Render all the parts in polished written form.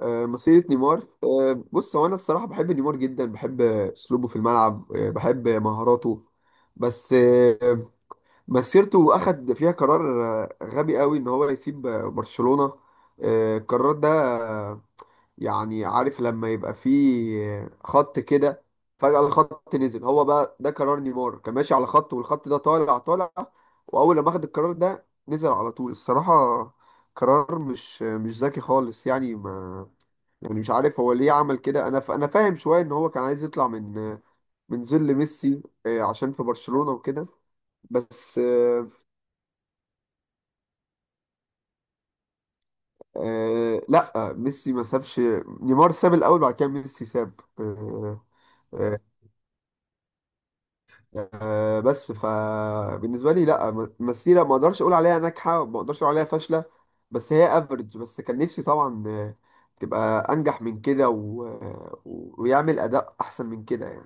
مسيرة نيمار. بص، هو أنا الصراحة بحب نيمار جدا، بحب أسلوبه في الملعب، بحب مهاراته. بس آه، مسيرته أخد فيها قرار غبي قوي إن هو يسيب برشلونة. القرار ده، آه، يعني عارف لما يبقى فيه خط كده فجأة الخط نزل، هو بقى ده قرار نيمار، كان ماشي على خط والخط ده طالع طالع، وأول لما أخد القرار ده نزل على طول الصراحة. قرار مش ذكي خالص، يعني ما، يعني مش عارف هو ليه عمل كده. انا فاهم شويه ان هو كان عايز يطلع من من ظل ميسي عشان في برشلونه وكده. بس آه، لا، ميسي ما سابش، نيمار ساب الاول، بعد كده ميسي ساب. آه، بس فبالنسبه لي، لا، مسيره ما اقدرش اقول عليها ناجحه، ما اقدرش اقول عليها فاشله، بس هي افريج. بس كان نفسي طبعا تبقى انجح من كده و... آه، ويعمل اداء احسن من كده.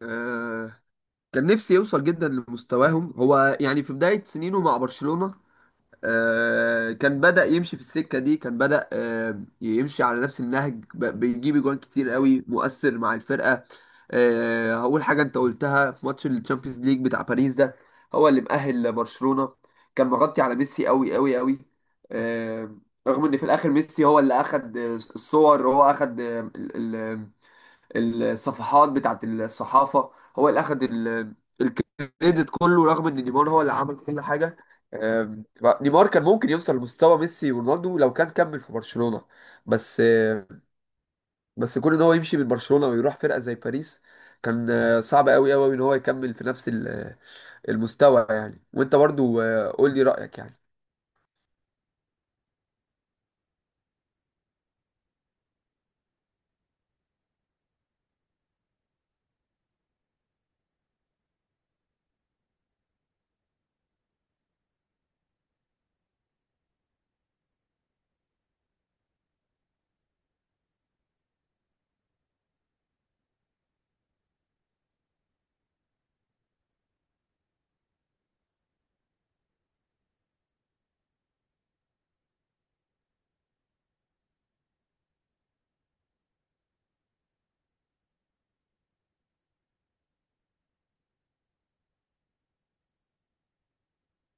يعني كان نفسي يوصل جدا لمستواهم، هو يعني في بداية سنينه مع برشلونة كان بدأ يمشي في السكة دي، كان بدأ يمشي على نفس النهج، بيجيب جوان كتير قوي، مؤثر مع الفرقة. هقول حاجة انت قلتها، في ماتش الشامبيونز ليج بتاع باريس ده، هو اللي مأهل برشلونة، كان مغطي على ميسي قوي قوي قوي. آه، رغم ان في الاخر ميسي هو اللي اخد الصور، هو اخد الصفحات بتاعت الصحافة، هو اللي أخد الكريدت كله، رغم إن نيمار هو اللي عمل كل حاجة. آم، نيمار كان ممكن يوصل لمستوى ميسي ورونالدو لو كان كمل في برشلونة. بس آه، بس كون إن هو يمشي من برشلونة ويروح فرقة زي باريس كان صعب أوي أوي إن هو يكمل في نفس المستوى يعني. وأنت برضو قول لي رأيك يعني.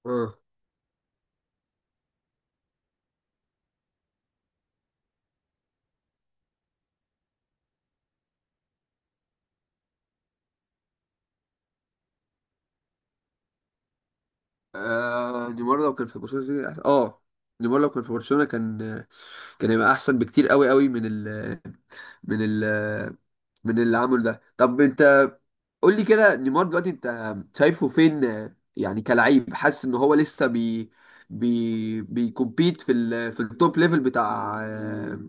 اه. نيمار لو كان في برشلونة نيمار لو كان في برشلونة كان، كان هيبقى احسن بكتير قوي قوي من ال من ال من اللي عمله ده. طب انت قول لي كده، نيمار دلوقتي انت شايفه فين؟ يعني كلاعب، حاسس ان هو لسه بي بيكومبيت في ال في التوب ليفل بتاع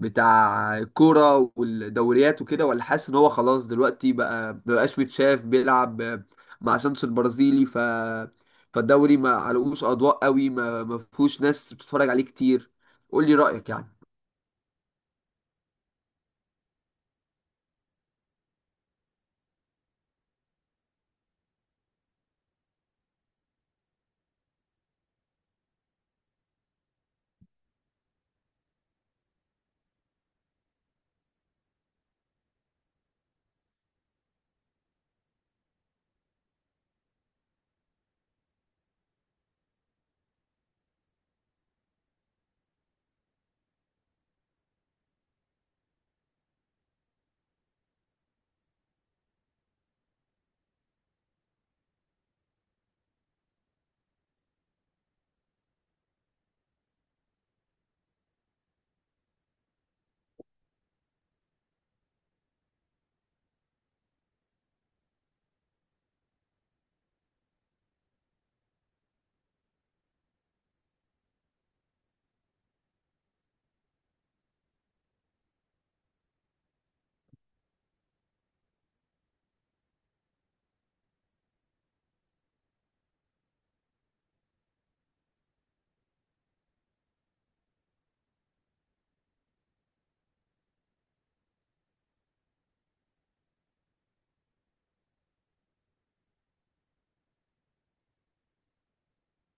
بتاع الكوره والدوريات وكده، ولا حاسس ان هو خلاص دلوقتي بقى ما بقاش متشاف؟ بيلعب مع سانشو البرازيلي فالدوري، ما علقوش اضواء قوي، ما فيهوش ناس بتتفرج عليه كتير. قول لي رايك يعني.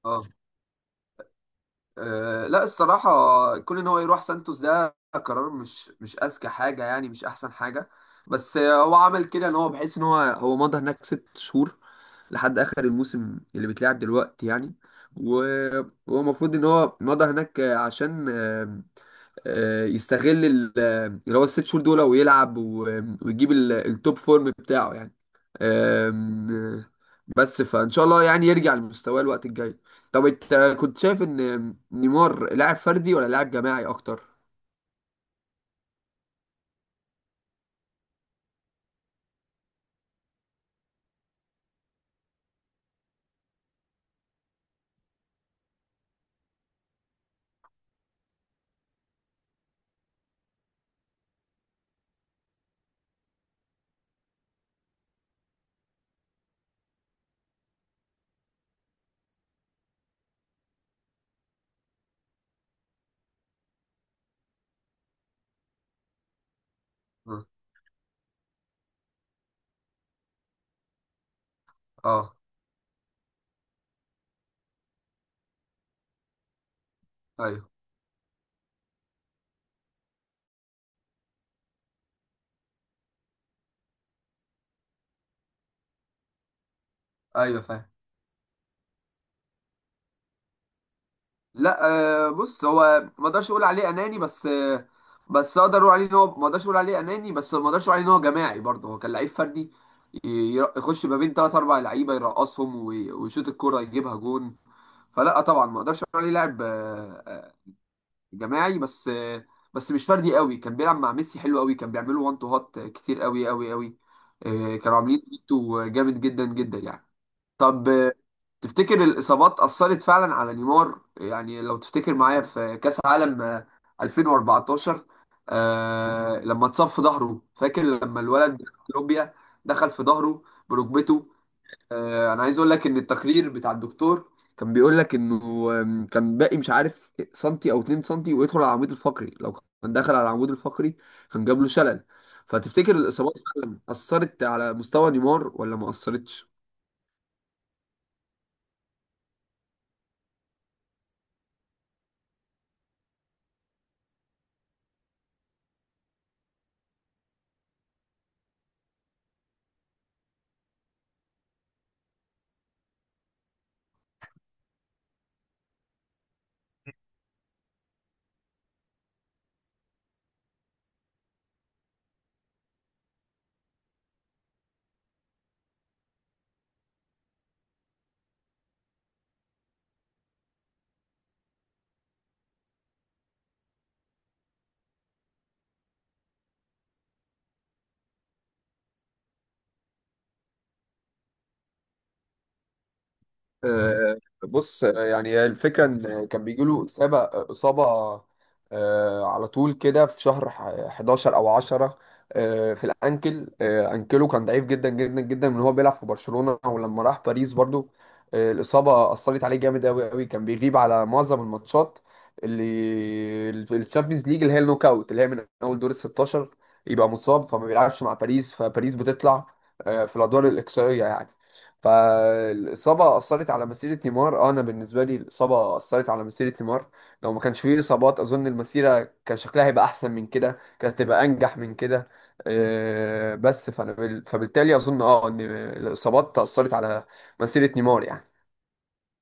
اه. أه لا الصراحة، كون ان هو يروح سانتوس ده قرار مش اذكى حاجة يعني، مش احسن حاجة. بس آه، هو عمل كده ان هو، بحيث ان هو، هو مضى هناك ست شهور لحد اخر الموسم اللي بيتلعب دلوقتي يعني. و- وهو المفروض ان هو مضى هناك عشان يستغل اللي هو الست شهور دول، ويلعب ويجيب التوب فورم بتاعه يعني. آم، آه، بس فان شاء الله يعني يرجع لمستواه الوقت الجاي. طب انت كنت شايف ان نيمار لاعب فردي ولا لاعب جماعي اكتر؟ اه. آه، ايوه، ايوه فاهم. لا، بص، هو ما اقدرش اقول عليه اناني، بس اقدر اقول عليه ان هو، ما اقدرش اقول عليه اناني بس ما اقدرش اقول عليه ان هو جماعي برضه. هو كان لعيب فردي، يخش ما بين ثلاث اربع لعيبه يرقصهم، ويشوط الكوره يجيبها جون. فلا طبعا، ما اقدرش اقول عليه لاعب جماعي، بس بس مش فردي قوي. كان بيلعب مع ميسي حلو قوي، كان بيعملوا وان تو هات كتير قوي قوي قوي. كانوا عاملين بيتو جامد جدا جدا يعني. طب تفتكر الإصابات أثرت فعلا على نيمار؟ يعني لو تفتكر معايا في كأس عالم 2014، آه لما اتصاب في ظهره، فاكر لما الولد كولومبيا دخل في ظهره بركبته؟ انا عايز اقول لك ان التقرير بتاع الدكتور كان بيقول لك انه، كان باقي مش عارف سنتي او 2 سنتي ويدخل على العمود الفقري، لو كان دخل على العمود الفقري كان جاب له شلل. فتفتكر الاصابات فعلا اثرت على مستوى نيمار ولا ما اثرتش؟ آه، بص، يعني هي الفكرة إن كان بيجي له إصابة على طول كده في شهر 11 أو 10. في الأنكل، أنكله كان ضعيف جدا جدا جدا من هو بيلعب في برشلونة، ولما راح باريس برضو الإصابة أثرت عليه جامد أوي أوي، كان بيغيب على معظم الماتشات اللي الشامبيونز ليج، اللي هي النوك أوت، اللي هي من أول دور ال 16 يبقى مصاب فما بيلعبش مع باريس، فباريس بتطلع في الأدوار الإقصائية يعني. فالإصابة أثرت على مسيرة نيمار. أنا بالنسبة لي الإصابة أثرت على مسيرة نيمار، لو ما كانش فيه إصابات أظن المسيرة كان شكلها هيبقى أحسن من كده، كانت هتبقى أنجح من كده. بس فبالتالي أظن أه إن الإصابات أثرت على مسيرة نيمار يعني.